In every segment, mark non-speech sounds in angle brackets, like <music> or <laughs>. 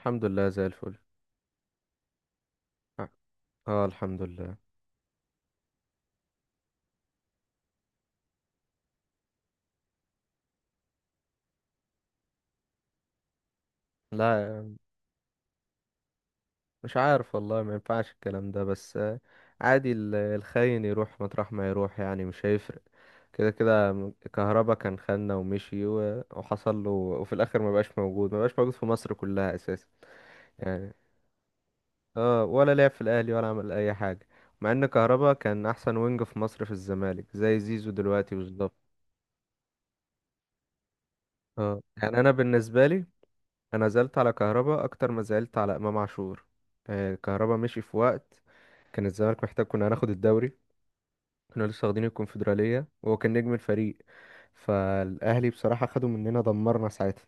الحمد لله زي الفل. اه الحمد لله. لا، مش عارف والله. ما ينفعش الكلام ده، بس عادي. الخاين يروح مطرح ما يروح، يعني مش هيفرق. كده كده كهربا كان خاننا ومشي وحصل له، وفي الاخر ما بقاش موجود، ما بقاش موجود في مصر كلها اساسا يعني. اه، ولا لعب في الاهلي ولا عمل اي حاجه، مع ان كهربا كان احسن وينج في مصر في الزمالك زي زيزو دلوقتي بالظبط. اه يعني انا بالنسبه لي، انا زعلت على كهربا اكتر ما زعلت على امام عاشور. كهربا مشي في وقت كان الزمالك محتاج، كنا هناخد الدوري، كنا لسه واخدين الكونفدرالية وهو كان نجم الفريق. فالاهلي بصراحة خدوا مننا، دمرنا ساعتها.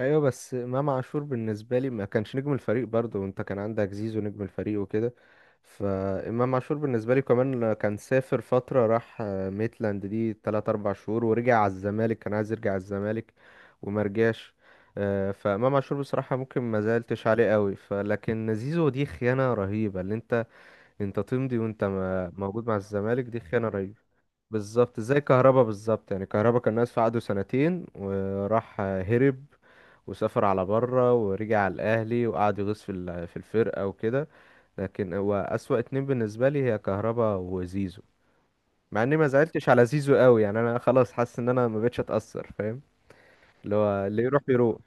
ايوه، بس امام عاشور بالنسبه لي ما كانش نجم الفريق برضه، وانت كان عندك زيزو نجم الفريق وكده. فامام عاشور بالنسبه لي كمان كان سافر فتره، راح ميتلاند دي 3 4 شهور، ورجع على الزمالك، كان عايز يرجع على الزمالك وما رجعش. فامام عاشور بصراحه ممكن ما زعلتش عليه قوي، فلكن زيزو دي خيانه رهيبه، اللي انت انت تمضي وانت موجود مع الزمالك، دي خيانه رهيبه. بالظبط زي كهربا بالظبط. يعني كهربا كان ناقص في عقده سنتين وراح هرب وسافر على بره، ورجع على الاهلي وقعد يغيظ في الفرقه وكده. لكن هو اسوأ اتنين بالنسبه لي هي كهربا وزيزو، مع اني ما زعلتش على زيزو قوي يعني. انا خلاص حاسس ان انا ما بقتش اتاثر، فاهم؟ اللي هو اللي يروح يروح.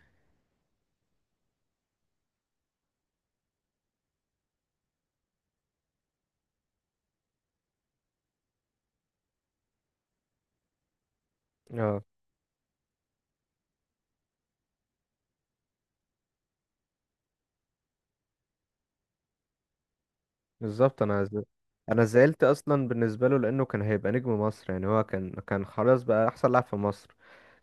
اه بالظبط. انا زعلت اصلا بالنسبه له لانه كان هيبقى نجم مصر. يعني هو كان خلاص بقى احسن لاعب في مصر،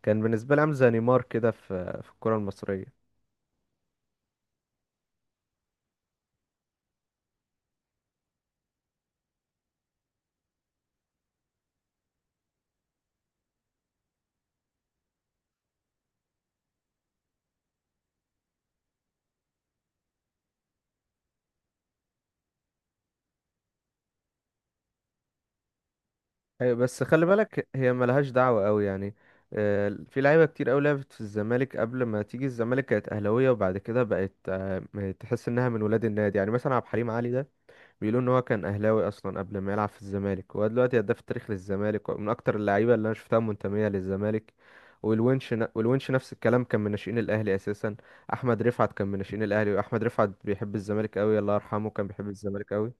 كان بالنسبه لي عامل زي نيمار كده في الكره المصريه. أيوة، بس خلي بالك هي ملهاش دعوة قوي يعني. في لعيبة كتير قوي لعبت في الزمالك، قبل ما تيجي الزمالك كانت أهلاوية، وبعد كده بقت تحس إنها من ولاد النادي. يعني مثلا عبد الحليم علي ده بيقولوا إن هو كان أهلاوي أصلا قبل ما يلعب في الزمالك، وهو دلوقتي هداف التاريخ للزمالك ومن أكتر اللعيبة اللي أنا شفتها منتمية للزمالك. والونش نفس الكلام، كان من ناشئين الأهلي أساسا. أحمد رفعت كان من ناشئين الأهلي، وأحمد رفعت بيحب الزمالك قوي، الله يرحمه، كان بيحب الزمالك قوي.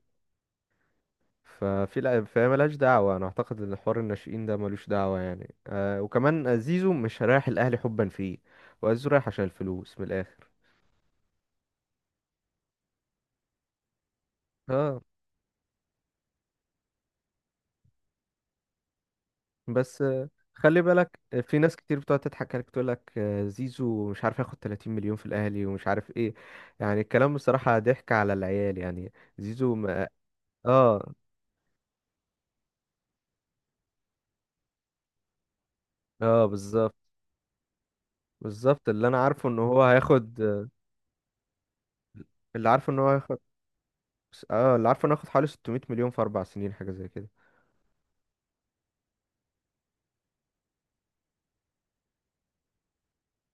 ففي لا فهي ملهاش دعوة. أنا أعتقد إن حوار الناشئين ده ملوش دعوة يعني. آه، وكمان زيزو مش رايح الأهلي حبا فيه، وزيزو رايح عشان الفلوس من الآخر. اه بس خلي بالك، في ناس كتير بتقعد تضحك عليك تقول لك آه زيزو مش عارف ياخد 30 مليون في الأهلي ومش عارف إيه. يعني الكلام بصراحة ضحك على العيال يعني. زيزو ما اه اه بالظبط. بالظبط اللي أنا عارفه إن هو هياخد، اللي عارفه إن هو هياخد اه، اللي عارفه إنه هياخد حوالي 600 مليون في أربع سنين، حاجة زي كده.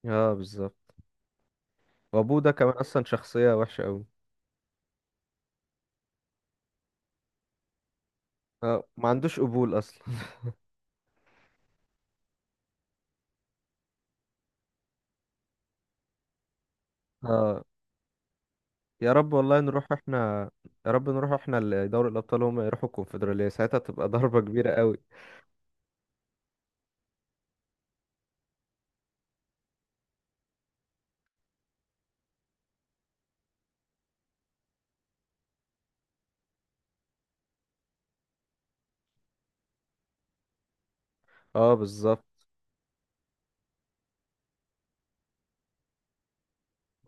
اه بالظبط. وابوه ده كمان اصلا شخصية وحشة قوي. اه ما عندوش قبول اصلا <laughs> اه، يا رب والله نروح احنا، يا رب نروح احنا لدوري الابطال، هم يروحوا الكونفدرالية، ساعتها تبقى <laughs> ضربة كبيرة قوي. اه بالظبط.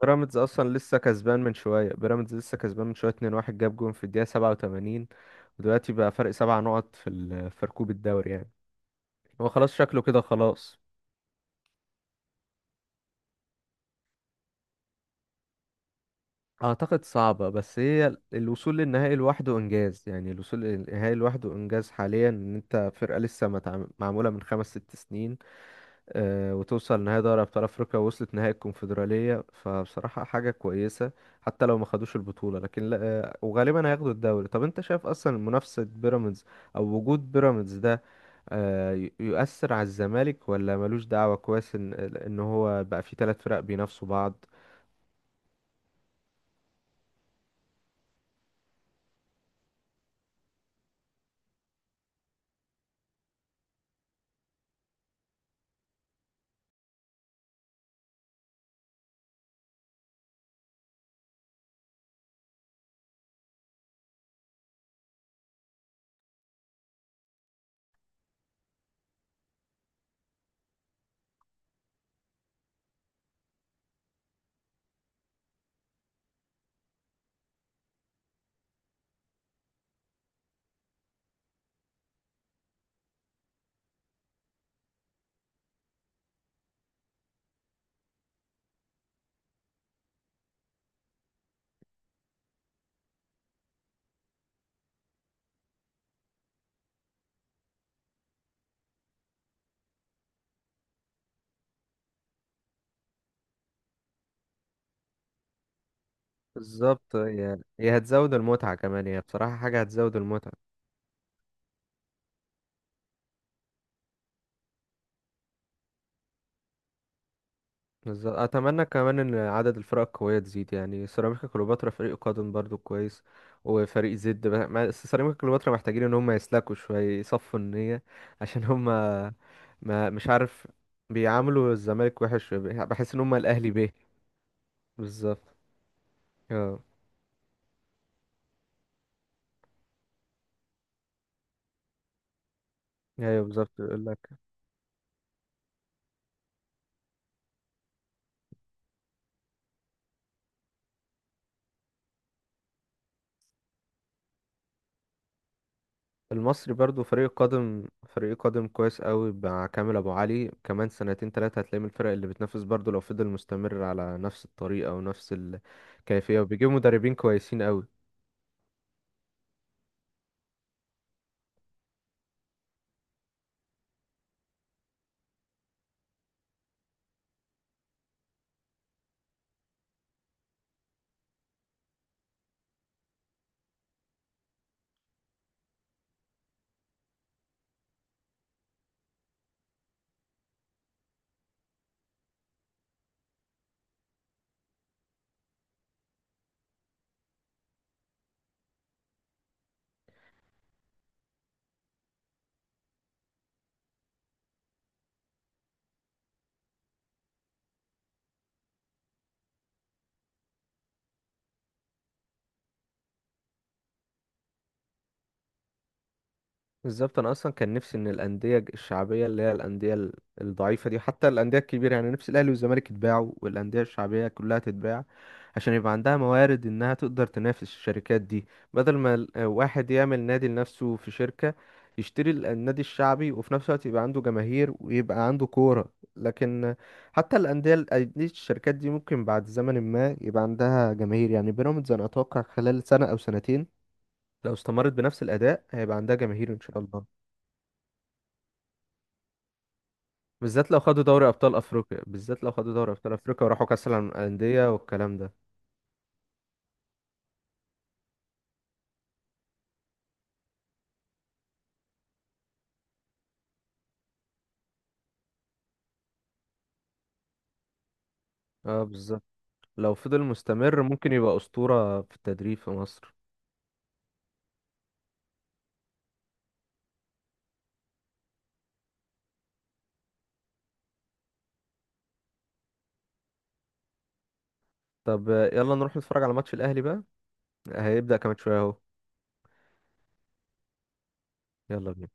بيراميدز اصلا لسه كسبان من شوية، 2-1، جاب جون في الدقيقة 87، ودلوقتي بقى فرق سبع نقط في ركوب الدوري يعني. هو خلاص شكله كده خلاص. اعتقد صعبة، بس هي الوصول للنهائي لوحده انجاز. يعني الوصول للنهائي لوحده انجاز حاليا، ان انت فرقة لسه ما اتعم- معمولة من خمس ست سنين، وتوصل نهائي دوري ابطال افريقيا ووصلت نهائي الكونفدرالية، فبصراحة حاجة كويسة. حتى لو ما خدوش البطولة لكن لا، وغالبا هياخدوا الدوري. طب انت شايف اصلا منافسة بيراميدز او وجود بيراميدز ده يؤثر على الزمالك ولا ملوش دعوة؟ كويس ان ان هو بقى فيه ثلاث فرق بينافسوا بعض. بالظبط، هي هتزود المتعة كمان، هي بصراحة حاجة هتزود المتعة. بالظبط أتمنى كمان إن عدد الفرق القوية تزيد. يعني سيراميكا كليوباترا فريق قادم برضو كويس، وفريق زد بقى- ما- بس سيراميكا كليوباترا محتاجين إن هم يسلكوا شوية، يصفوا النية <laughs> عشان هم، ما مش عارف، بيعاملوا الزمالك وحش، بحس إن هم الأهلي به. بالظبط. اه أيوه بالظبط. المصري برضو فريق القدم، فريق قدم كويس قوي مع كامل ابو علي، كمان سنتين تلاتة هتلاقي من الفرق اللي بتنافس برضو، لو فضل مستمر على نفس الطريقة ونفس الكيفية، وبيجيبوا مدربين كويسين قوي. بالظبط انا اصلا كان نفسي ان الانديه الشعبيه، اللي هي الضعيفه دي، حتى الانديه الكبيره يعني، نفسي الاهلي والزمالك يتباعوا والانديه الشعبيه كلها تتباع، عشان يبقى عندها موارد انها تقدر تنافس الشركات دي. بدل ما واحد يعمل نادي لنفسه في شركه، يشتري النادي الشعبي، وفي نفس الوقت يبقى عنده جماهير ويبقى عنده كوره. لكن حتى أندية الشركات دي ممكن بعد زمن ما يبقى عندها جماهير. يعني بيراميدز انا اتوقع خلال سنه او سنتين، لو استمرت بنفس الاداء، هيبقى عندها جماهير ان شاء الله. بالذات لو خدوا دوري ابطال افريقيا، بالذات لو خدوا دوري ابطال افريقيا وراحوا كاس العالم للانديه والكلام ده. اه بالظبط، لو فضل مستمر ممكن يبقى اسطوره في التدريب في مصر. طب يلا نروح نتفرج على ماتش الاهلي بقى، هيبدا كمان شويه اهو. يلا بينا.